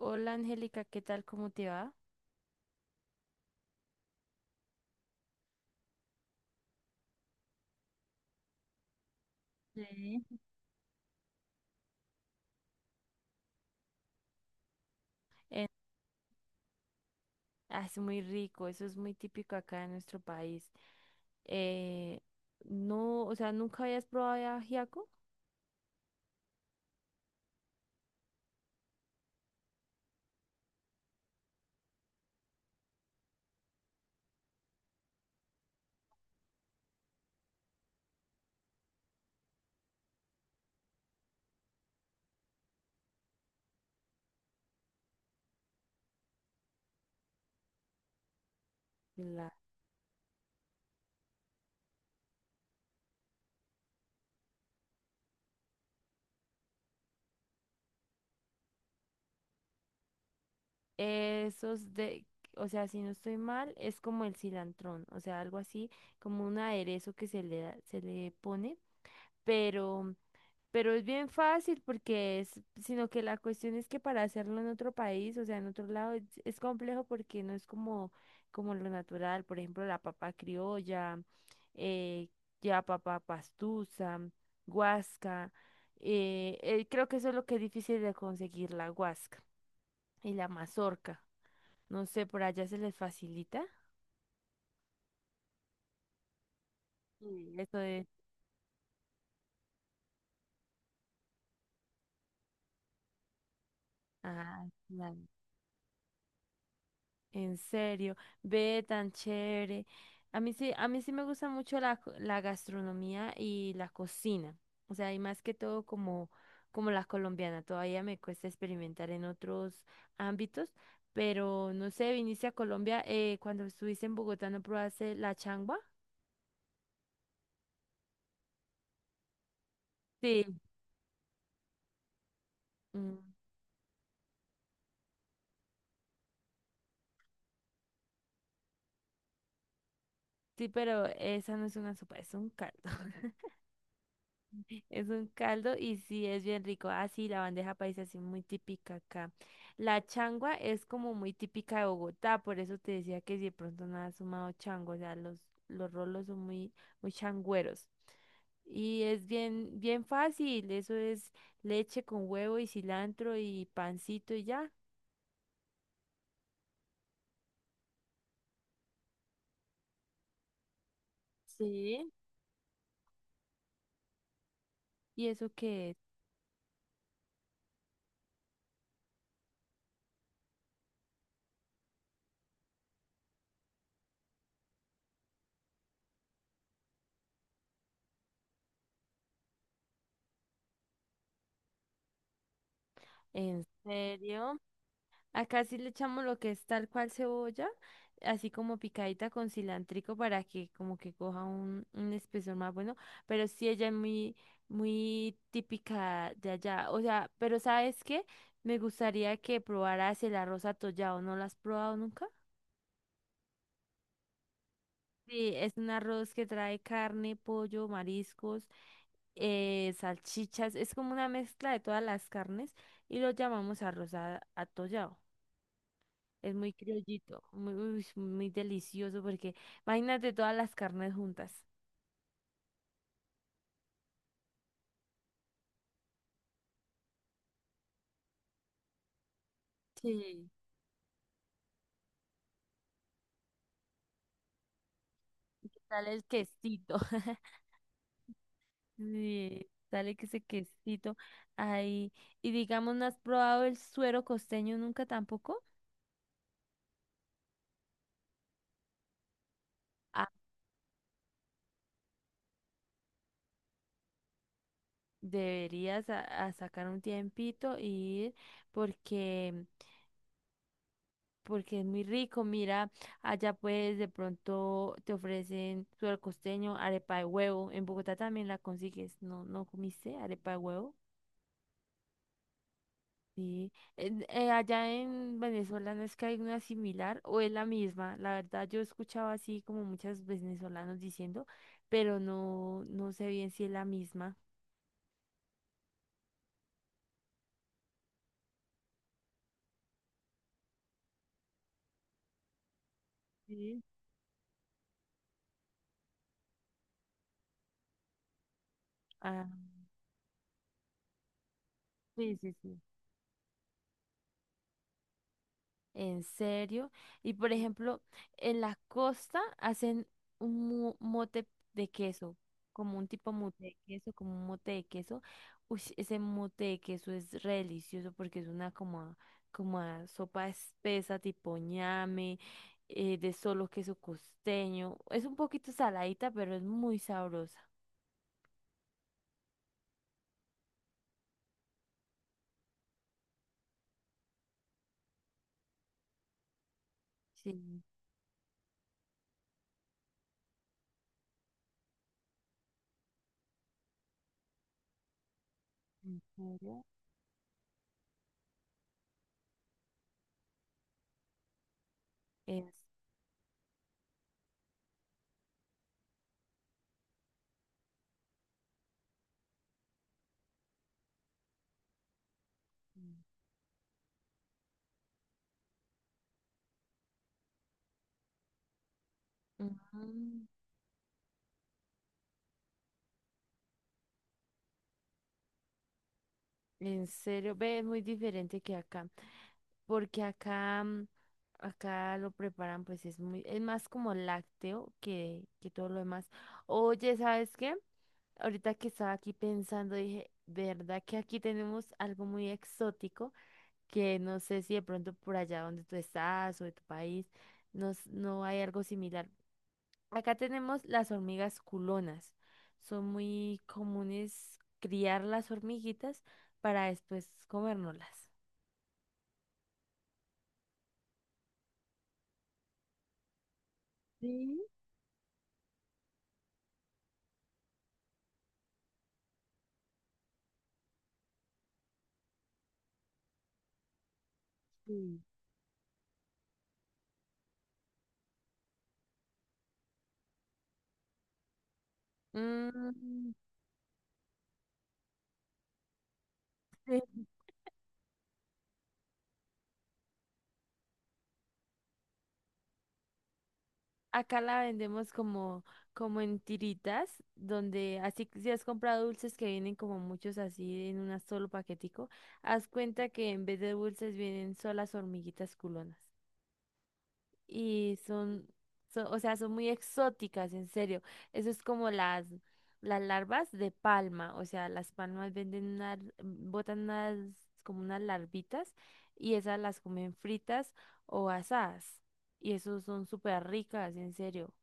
Hola Angélica, ¿qué tal? ¿Cómo te va? Eh, ah, es muy rico, eso es muy típico acá en nuestro país. Eh, no, o sea, ¿nunca habías probado el ajiaco? La- Esos de, o sea, si no estoy mal, es como el cilantrón, o sea, algo así, como un aderezo que se le pone, pero Pero es bien fácil porque sino que la cuestión es que para hacerlo en otro país, o sea, en otro lado, es complejo porque no es como lo natural, por ejemplo, la papa criolla, eh, ya papa pastusa, guasca, creo que eso es lo que es difícil de conseguir, la guasca y la mazorca. No sé, por allá se les facilita. Eso de. Ah, claro. En serio, ve tan chévere. A mí sí, me gusta mucho la gastronomía y la cocina. O sea, y más que todo como la colombiana. Todavía me cuesta experimentar en otros ámbitos, pero no sé, viniste a Colombia, cuando estuviste en Bogotá, ¿no probaste la changua? Sí. Mm, sí, pero esa no es una sopa, es un caldo. Es un caldo y sí, es bien rico. Ah, sí, la bandeja paisa es muy típica acá. La changua es como muy típica de Bogotá, por eso te decía que si de pronto no has sumado chango, o sea, los rolos son muy, muy changüeros. Y es bien, bien fácil, eso es leche con huevo y cilantro y pancito y ya. Sí. ¿Y eso qué es? ¿En serio? Acá sí le echamos lo que es tal cual cebolla, así como picadita con cilantrico para que como que coja un espesor más bueno, pero sí ella es muy, muy típica de allá. O sea, pero ¿sabes qué? Me gustaría que probaras el arroz atollado, ¿no lo has probado nunca? Sí, es un arroz que trae carne, pollo, mariscos, salchichas, es como una mezcla de todas las carnes y lo llamamos atollado. Es muy criollito, muy, uy, muy delicioso porque imagínate todas las carnes juntas. Sí. Y que sale el quesito. Sí, sale que ese quesito ahí. Y digamos, ¿no has probado el suero costeño nunca tampoco? Ah, deberías a sacar un tiempito y ir porque, porque es muy rico. Mira, allá pues de pronto te ofrecen suero costeño, arepa de huevo. En Bogotá también la consigues. ¿No, no comiste arepa de huevo? Sí. En- allá en Venezuela no es que hay una similar o es la misma. La verdad, yo escuchaba así como muchos venezolanos diciendo, pero no, no sé bien si es la misma. Sí. Ah, sí, sí, sí. En serio. Y por ejemplo, en la costa hacen un mote de queso, como un tipo mote de queso, como un mote de queso. Uy, ese mote de queso es re delicioso porque es una como, como a sopa espesa, tipo ñame, de solo queso costeño. Es un poquito saladita, pero es muy sabrosa. Sí, en serio. Es, Mm. Mm, en serio, ve, es muy diferente que acá. Porque acá lo preparan, pues es más como lácteo que todo lo demás. Oye, ¿sabes qué? Ahorita que estaba aquí pensando, dije, ¿verdad que aquí tenemos algo muy exótico? Que no sé si de pronto por allá donde tú estás o de tu país, no, no hay algo similar. Acá tenemos las hormigas culonas. Son muy comunes criar las hormiguitas para después comérnoslas. Sí, sí. Mm, sí. Acá la vendemos como, como en tiritas, donde así que si has comprado dulces que vienen como muchos así en un solo paquetico, haz cuenta que en vez de dulces vienen solas hormiguitas culonas. Y o sea, son muy exóticas, en serio. Eso es como las larvas de palma, o sea, las palmas venden unas, botan unas, como unas larvitas y esas las comen fritas o asadas. Y eso son súper ricas, en serio.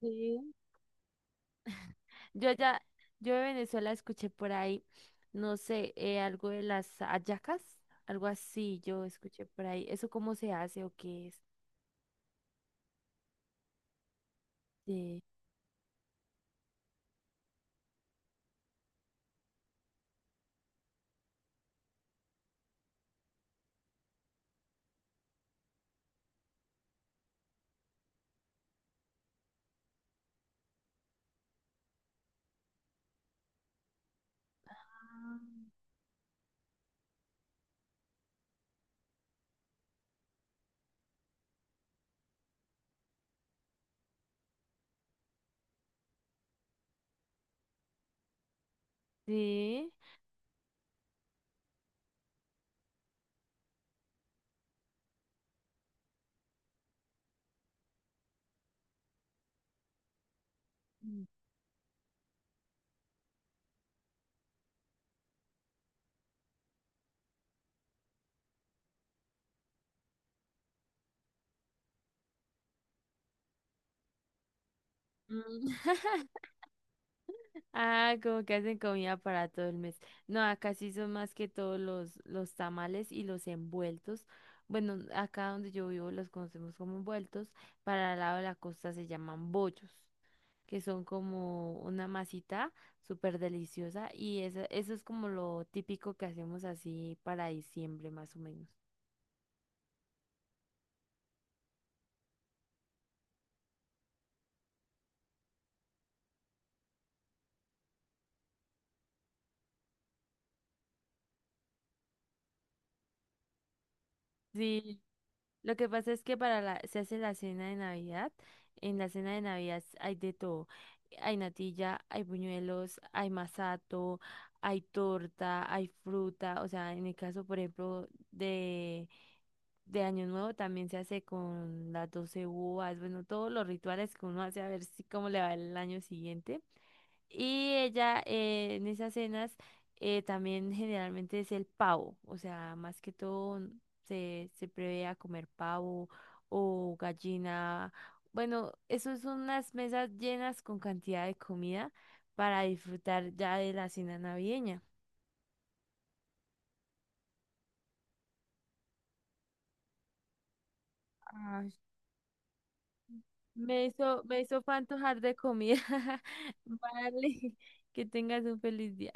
Sí. Yo allá yo de Venezuela escuché por ahí, no sé, algo de las hallacas, algo así, yo escuché por ahí. ¿Eso cómo se hace o qué es? Sí. Ah, sí. Mm. Mm. Ah, como que hacen comida para todo el mes. No, acá sí son más que todos los tamales y los envueltos. Bueno, acá donde yo vivo los conocemos como envueltos. Para el lado de la costa se llaman bollos, que son como una masita súper deliciosa y eso es como lo típico que hacemos así para diciembre más o menos. Sí, lo que pasa es que para la, se hace la cena de Navidad, en la cena de Navidad hay de todo. Hay natilla, hay buñuelos, hay masato, hay torta, hay fruta, o sea, en el caso, por ejemplo, de Año Nuevo también se hace con las 12 uvas, bueno, todos los rituales que uno hace a ver si cómo le va el año siguiente. Y ella, en esas cenas, también generalmente es el pavo, o sea, más que todo se prevé a comer pavo o gallina. Bueno, eso son unas mesas llenas con cantidad de comida para disfrutar ya de la cena navideña. Ay, me hizo fantojar de comida. Vale, que tengas un feliz día.